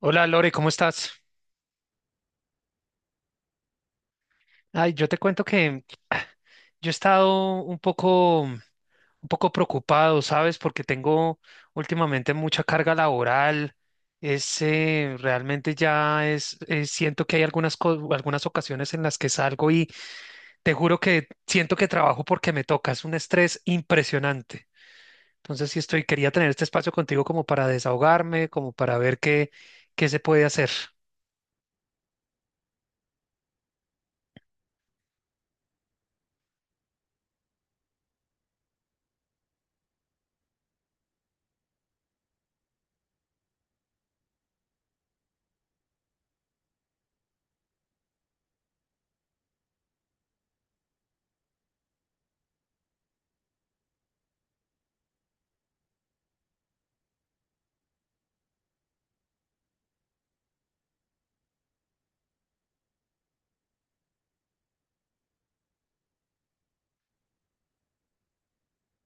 Hola Lore, ¿cómo estás? Ay, yo te cuento que yo he estado un poco preocupado, ¿sabes? Porque tengo últimamente mucha carga laboral. Realmente ya siento que hay algunas ocasiones en las que salgo y te juro que siento que trabajo porque me toca. Es un estrés impresionante. Entonces, sí estoy, quería tener este espacio contigo como para desahogarme, como para ver qué se puede hacer.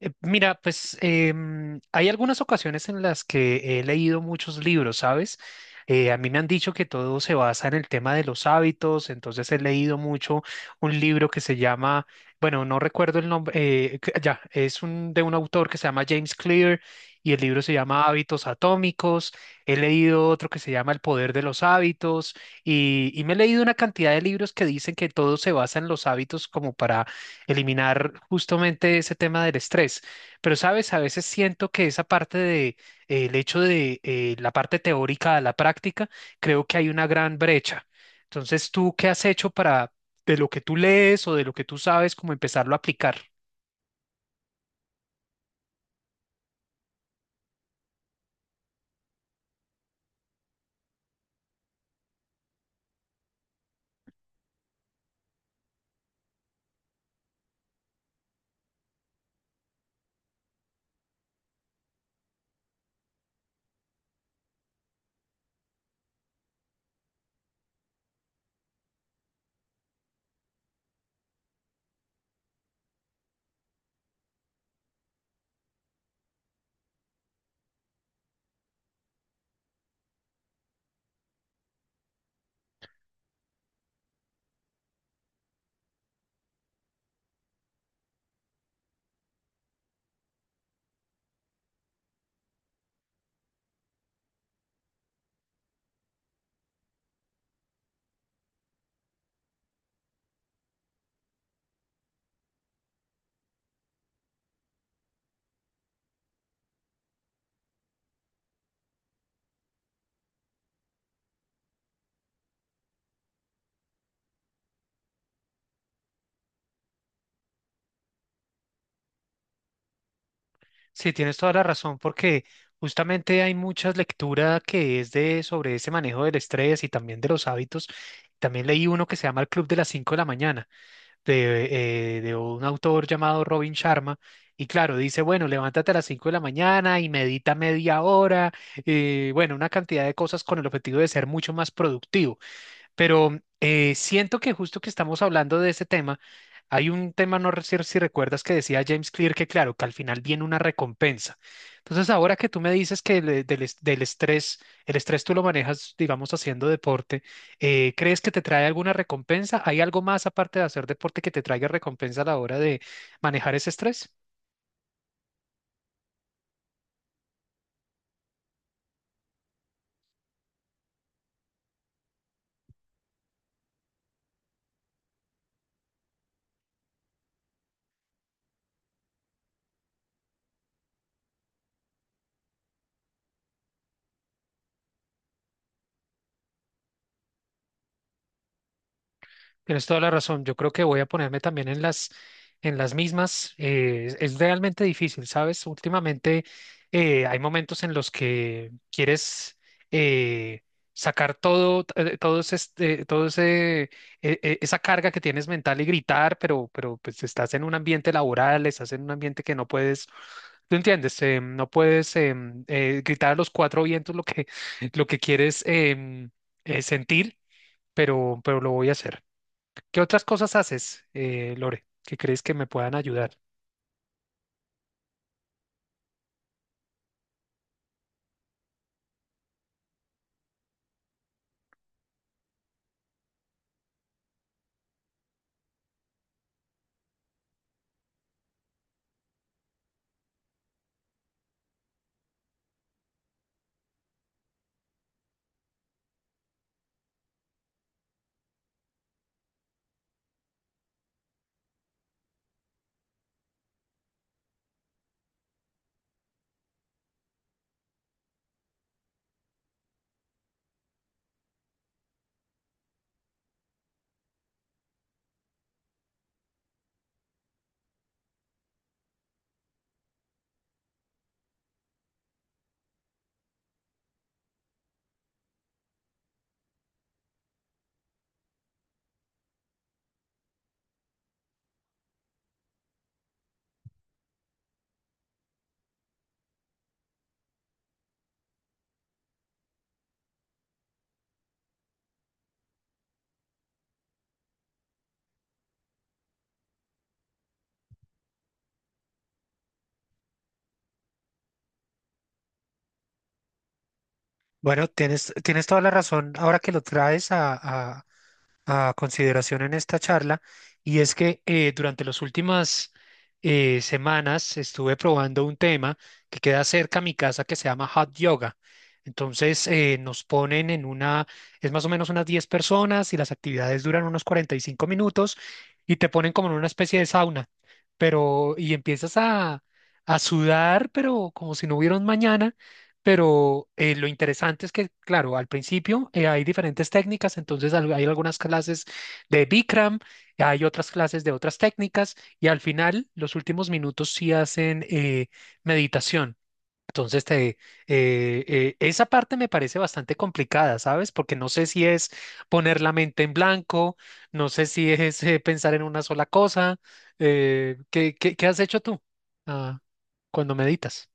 Mira, hay algunas ocasiones en las que he leído muchos libros, ¿sabes? A mí me han dicho que todo se basa en el tema de los hábitos, entonces he leído mucho un libro que se llama, bueno, no recuerdo el nombre, ya, es un, de un autor que se llama James Clear y el libro se llama Hábitos Atómicos, he leído otro que se llama El Poder de los Hábitos y me he leído una cantidad de libros que dicen que todo se basa en los hábitos como para eliminar justamente ese tema del estrés. Pero, sabes, a veces siento que esa parte de el hecho de la parte teórica a la práctica, creo que hay una gran brecha. Entonces, ¿tú qué has hecho para de lo que tú lees o de lo que tú sabes, como empezarlo a aplicar? Sí, tienes toda la razón, porque justamente hay muchas lecturas que es de sobre ese manejo del estrés y también de los hábitos. También leí uno que se llama El Club de las cinco de la mañana de un autor llamado Robin Sharma. Y claro, dice, bueno, levántate a las 5 de la mañana y medita media hora, bueno, una cantidad de cosas con el objetivo de ser mucho más productivo. Pero siento que justo que estamos hablando de ese tema, hay un tema, no sé si recuerdas que decía James Clear que claro, que al final viene una recompensa. Entonces, ahora que tú me dices que le- del, es- del estrés, el estrés tú lo manejas, digamos, haciendo deporte, ¿crees que te trae alguna recompensa? ¿Hay algo más aparte de hacer deporte que te traiga recompensa a la hora de manejar ese estrés? Tienes toda la razón. Yo creo que voy a ponerme también en las mismas. Es realmente difícil, ¿sabes? Últimamente hay momentos en los que quieres eh, sacar todo esa carga que tienes mental y gritar, pero pues estás en un ambiente laboral, estás en un ambiente que no puedes ¿Tú entiendes? No puedes gritar a los cuatro vientos lo que, lo que quieres sentir, pero lo voy a hacer. ¿Qué otras cosas haces, Lore, que crees que me puedan ayudar? Bueno, tienes toda la razón ahora que lo traes a- a consideración en esta charla, y es que durante las últimas semanas estuve probando un tema que queda cerca a mi casa que se llama Hot Yoga. Entonces nos ponen en una, es más o menos unas 10 personas y las actividades duran unos 45 minutos y te ponen como en una especie de sauna, pero y empiezas a sudar, pero como si no hubiera un mañana. Pero lo interesante es que, claro, al principio hay diferentes técnicas, entonces al- hay algunas clases de Bikram, hay otras clases de otras técnicas y al final, los últimos minutos sí hacen meditación. Entonces, esa parte me parece bastante complicada, ¿sabes? Porque no sé si es poner la mente en blanco, no sé si es pensar en una sola cosa. ¿Qué has hecho tú ah, cuando meditas?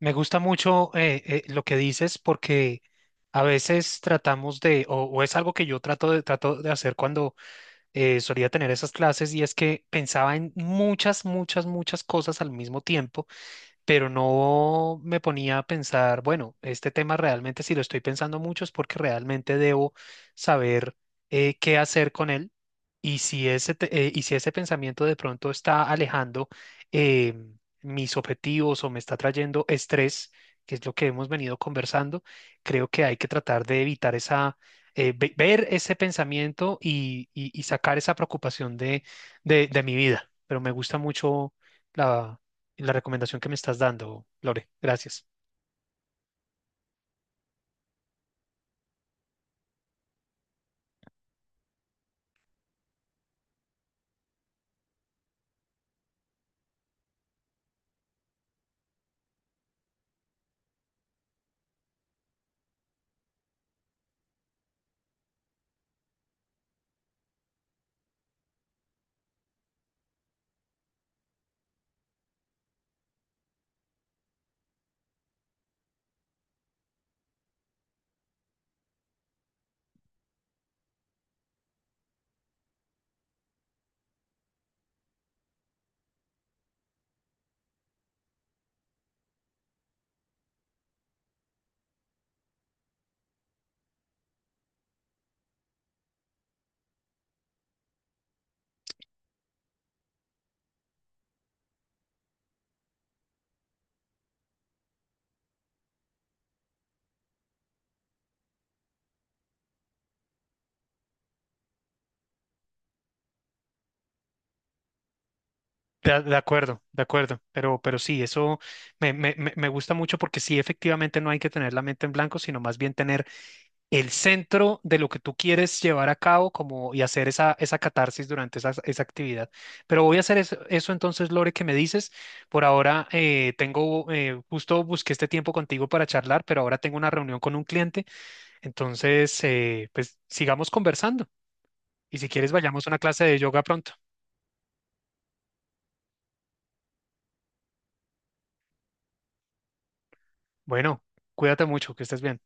Me gusta mucho lo que dices porque a veces tratamos de, o es algo que yo trato trato de hacer cuando solía tener esas clases y es que pensaba en muchas cosas al mismo tiempo, pero no me ponía a pensar, bueno, este tema realmente si lo estoy pensando mucho es porque realmente debo saber qué hacer con él. Y si ese pensamiento de pronto está alejando eh, mis objetivos o me está trayendo estrés, que es lo que hemos venido conversando, creo que hay que tratar de evitar esa... ver ese pensamiento y sacar esa preocupación de mi vida. Pero me gusta mucho la recomendación que me estás dando, Lore. Gracias. De acuerdo, de acuerdo. Pero sí, eso me gusta mucho porque sí, efectivamente no hay que tener la mente en blanco, sino más bien tener el centro de lo que tú quieres llevar a cabo como, y hacer esa catarsis durante esa actividad. Pero voy a hacer eso entonces, Lore, que me dices. Por ahora justo busqué este tiempo contigo para charlar, pero ahora tengo una reunión con un cliente. Entonces, pues sigamos conversando. Y si quieres, vayamos a una clase de yoga pronto. Bueno, cuídate mucho, que estés bien.